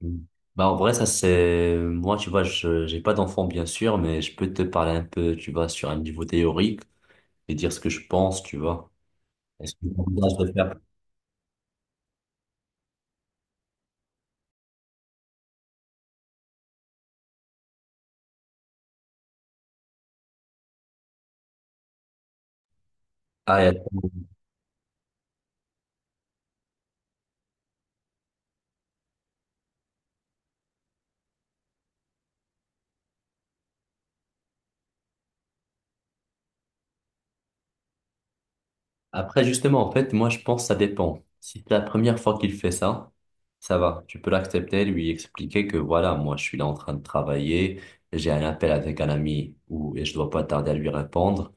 Mm. Bah, en vrai, ça c'est, moi, tu vois, j'ai pas d'enfant, bien sûr, mais je peux te parler un peu, tu vois, sur un niveau théorique et dire ce que je pense, tu vois. Est-ce que j'envisage de faire? Ah, et attends. Après, justement, en fait, moi, je pense que ça dépend. Si c'est la première fois qu'il fait ça, ça va. Tu peux l'accepter, lui expliquer que voilà, moi, je suis là en train de travailler, j'ai un appel avec un ami et je dois pas tarder à lui répondre.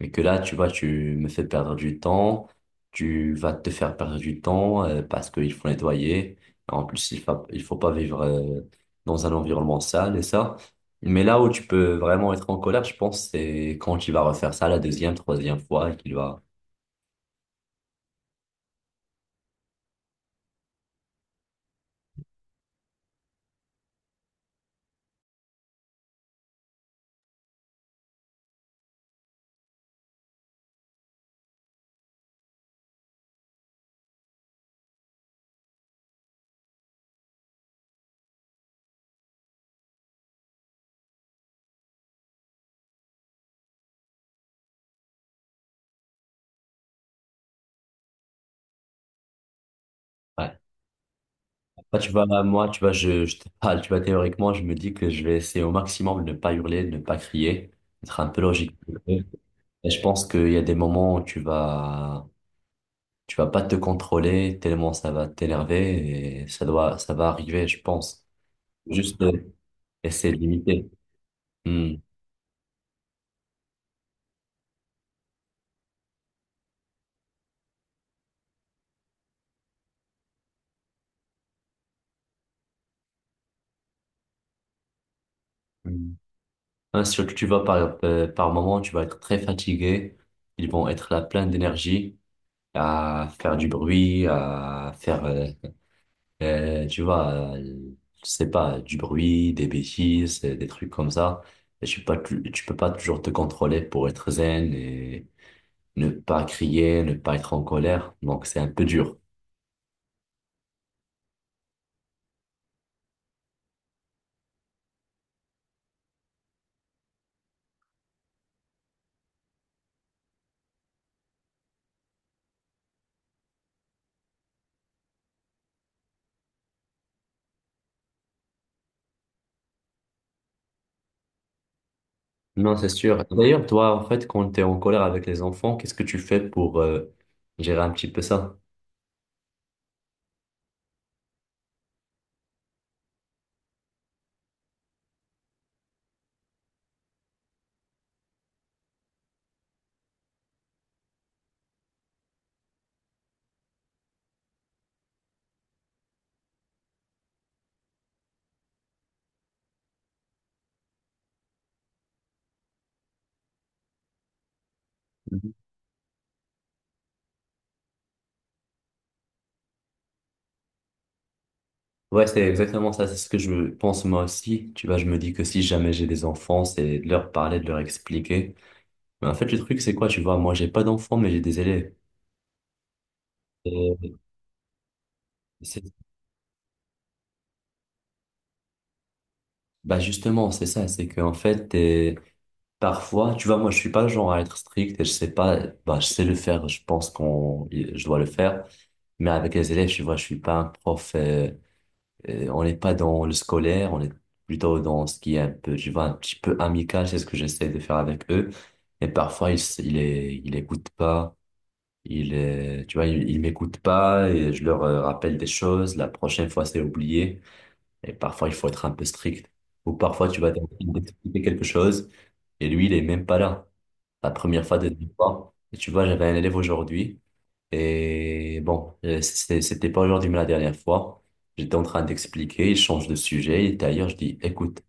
Mais que là, tu vois, tu me fais perdre du temps, tu vas te faire perdre du temps parce qu'il faut nettoyer. En plus, il faut pas vivre dans un environnement sale et ça. Mais là où tu peux vraiment être en colère, je pense, c'est quand il va refaire ça la deuxième, troisième fois et qu'il va... Ouais. Bah, tu vois, moi, tu vois, je te parle, tu vois, théoriquement, je me dis que je vais essayer au maximum de ne pas hurler, de ne pas crier, d'être un peu logique. Et je pense qu'il y a des moments où tu vas pas te contrôler tellement ça va t'énerver et ça va arriver, je pense. Juste essayer de limiter. Hmm. Hmm. Hein, surtout, tu vas par moment, tu vas être très fatigué. Ils vont être là plein d'énergie à faire du bruit, tu vois, je sais pas, du bruit, des bêtises, des trucs comme ça. Et tu peux pas, tu peux pas toujours te contrôler pour être zen et ne pas crier, ne pas être en colère. Donc, c'est un peu dur. Non, c'est sûr. D'ailleurs, toi, en fait, quand tu es en colère avec les enfants, qu'est-ce que tu fais pour gérer un petit peu ça? Mhm. Ouais, c'est exactement ça. C'est ce que je pense moi aussi. Tu vois, je me dis que si jamais j'ai des enfants, c'est de leur parler, de leur expliquer. Mais en fait, le truc, c'est quoi? Tu vois, moi, j'ai pas d'enfants, mais j'ai des élèves. Et c'est- Bah, justement, c'est ça. C'est qu'en fait, parfois, tu vois, moi, je suis pas le genre à être strict et je sais pas, bah, je sais le faire. Je pense je dois le faire. Mais avec les élèves, tu vois, je suis pas un prof. On n'est pas dans le scolaire, on est plutôt dans ce qui est un peu, je vois, un petit peu amical, c'est ce que j'essaie de faire avec eux. Et parfois, ils écoutent pas, tu vois, ils m'écoutent pas et je leur rappelle des choses. La prochaine fois, c'est oublié. Et parfois, il faut être un peu strict. Ou parfois, tu vas t'expliquer quelque chose et lui, il est même pas là. La première fois, deuxième fois. Et tu vois, j'avais un élève aujourd'hui. Et bon, c'était pas aujourd'hui, mais la dernière fois, j'étais en train d'expliquer, il change de sujet, et d'ailleurs, je dis, écoute,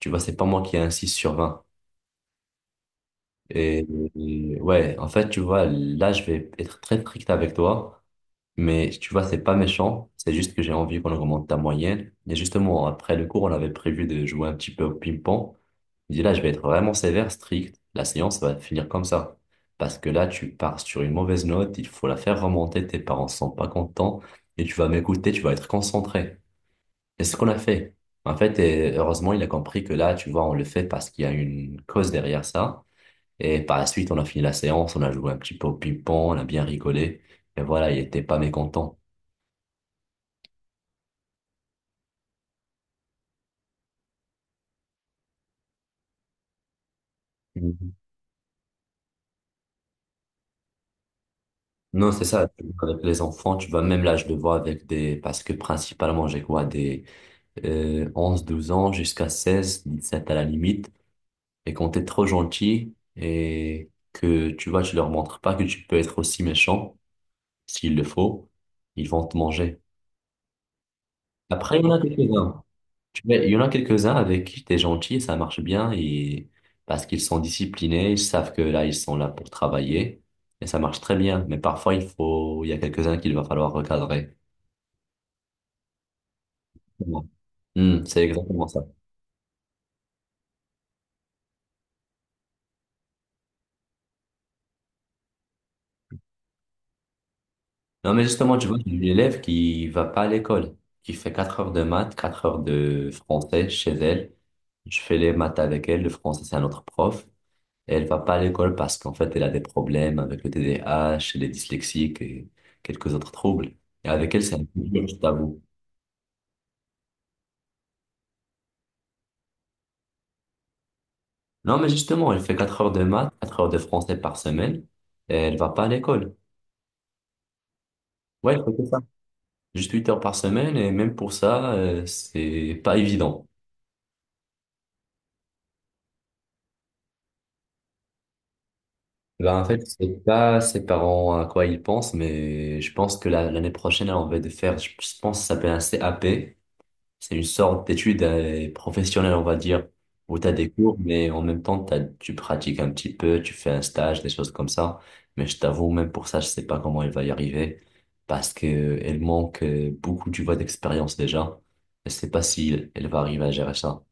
tu vois, c'est pas moi qui ai un 6/20. Et, et ouais, en fait, tu vois, là, je vais être très strict avec toi, mais tu vois, c'est pas méchant, c'est juste que j'ai envie qu'on augmente ta moyenne. Et justement, après le cours, on avait prévu de jouer un petit peu au ping-pong. Je dis là, je vais être vraiment sévère, strict. La séance va finir comme ça. Parce que là, tu pars sur une mauvaise note, il faut la faire remonter, tes parents sont pas contents et tu vas m'écouter, tu vas être concentré. Et c'est ce qu'on a fait. En fait, et heureusement, il a compris que là, tu vois, on le fait parce qu'il y a une cause derrière ça. Et par la suite, on a fini la séance, on a joué un petit peu au ping-pong, on a bien rigolé. Et voilà, il était pas mécontent. Mhm. Non, c'est ça. Avec les enfants, tu vois, même là, je le vois avec des... Parce que principalement, j'ai quoi? Des 11, 12 ans jusqu'à 16, sept à la limite. Et quand t'es trop gentil et que tu vois, tu leur montres pas que tu peux être aussi méchant, s'il le faut, ils vont te manger. Après, il y en a quelques-uns. Tu vois, il y en a quelques-uns avec qui t'es gentil, ça marche bien et parce qu'ils sont disciplinés, ils savent que là, ils sont là pour travailler et ça marche très bien. Mais parfois, il y a quelques-uns qu'il va falloir recadrer. Hmm, c'est exactement ça. Non, mais justement, tu vois, j'ai une élève qui va pas à l'école, qui fait 4 heures de maths, 4 heures de français chez elle. Je fais les maths avec elle, le français, c'est un autre prof. Et elle va pas à l'école parce qu'en fait, elle a des problèmes avec le TDAH, les dyslexiques et quelques autres troubles. Et avec elle, c'est un peu dur, je t'avoue. Non, mais justement, elle fait 4 heures de maths, 4 heures de français par semaine, et elle va pas à l'école. Ouais, elle fait que ça. Juste 8 heures par semaine, et même pour ça, c'est pas évident. Bah en fait, je sais pas ses parents à quoi ils pensent, mais je pense que l'année prochaine, elle, on va de faire, je pense, que ça s'appelle un CAP. C'est une sorte d'étude professionnelle, on va dire, où tu as des cours, mais en même temps, tu pratiques un petit peu, tu fais un stage, des choses comme ça. Mais je t'avoue, même pour ça, je sais pas comment elle va y arriver, parce que elle manque beaucoup, tu vois, d'expérience déjà. Je sais pas si elle va arriver à gérer ça.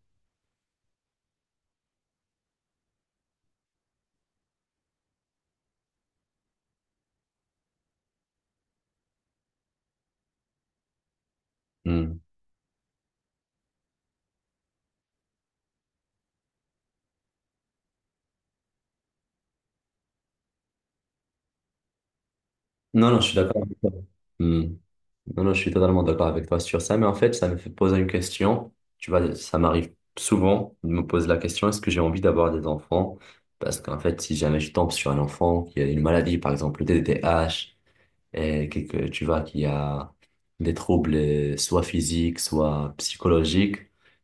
Hmm. Non, non, je suis d'accord avec toi. Hmm. Non, non, je suis totalement d'accord avec toi sur ça, mais en fait, ça me fait poser une question. Tu vois, ça m'arrive souvent de me poser la question, est-ce que j'ai envie d'avoir des enfants? Parce qu'en fait, si jamais je tombe sur un enfant qui a une maladie, par exemple le TDAH, et que tu vois, qui a des troubles soit physiques, soit psychologiques,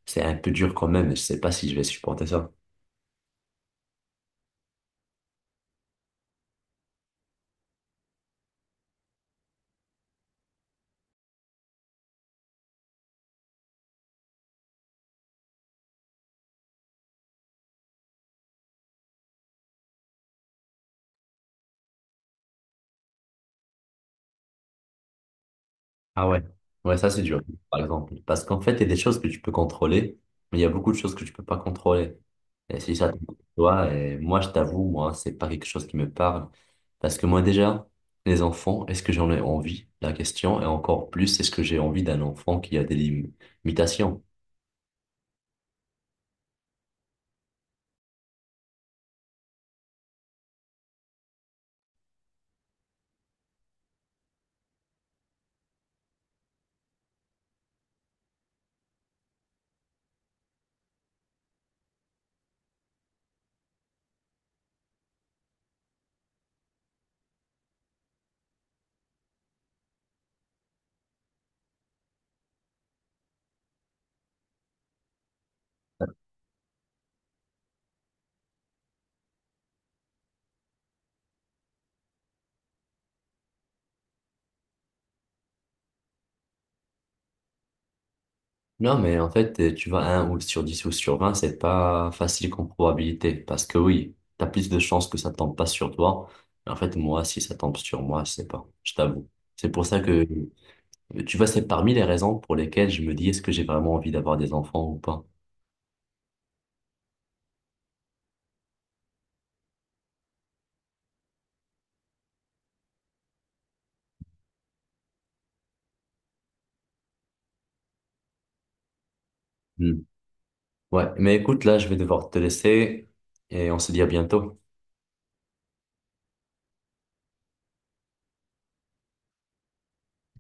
c'est un peu dur quand même, et je sais pas si je vais supporter ça. Ah ouais, ouais, ça c'est dur, par exemple. Parce qu'en fait, il y a des choses que tu peux contrôler, mais il y a beaucoup de choses que tu peux pas contrôler. Et si ça te toi, et moi, je t'avoue, moi, c'est pas quelque chose qui me parle. Parce que moi, déjà, les enfants, est-ce que j'en ai envie? La question, et encore plus, est-ce que j'ai envie d'un enfant qui a des limitations? Non, mais en fait, tu vois, un ou sur 10 ou sur 20 c'est pas facile comme probabilité. Parce que oui, t'as plus de chances que ça tombe pas sur toi. Mais en fait, moi, si ça tombe sur moi, je sais pas. Je t'avoue. C'est pour ça que, tu vois, c'est parmi les raisons pour lesquelles je me dis, est-ce que j'ai vraiment envie d'avoir des enfants ou pas? Hmm. Ouais, mais écoute, là, je vais devoir te laisser et on se dit à bientôt.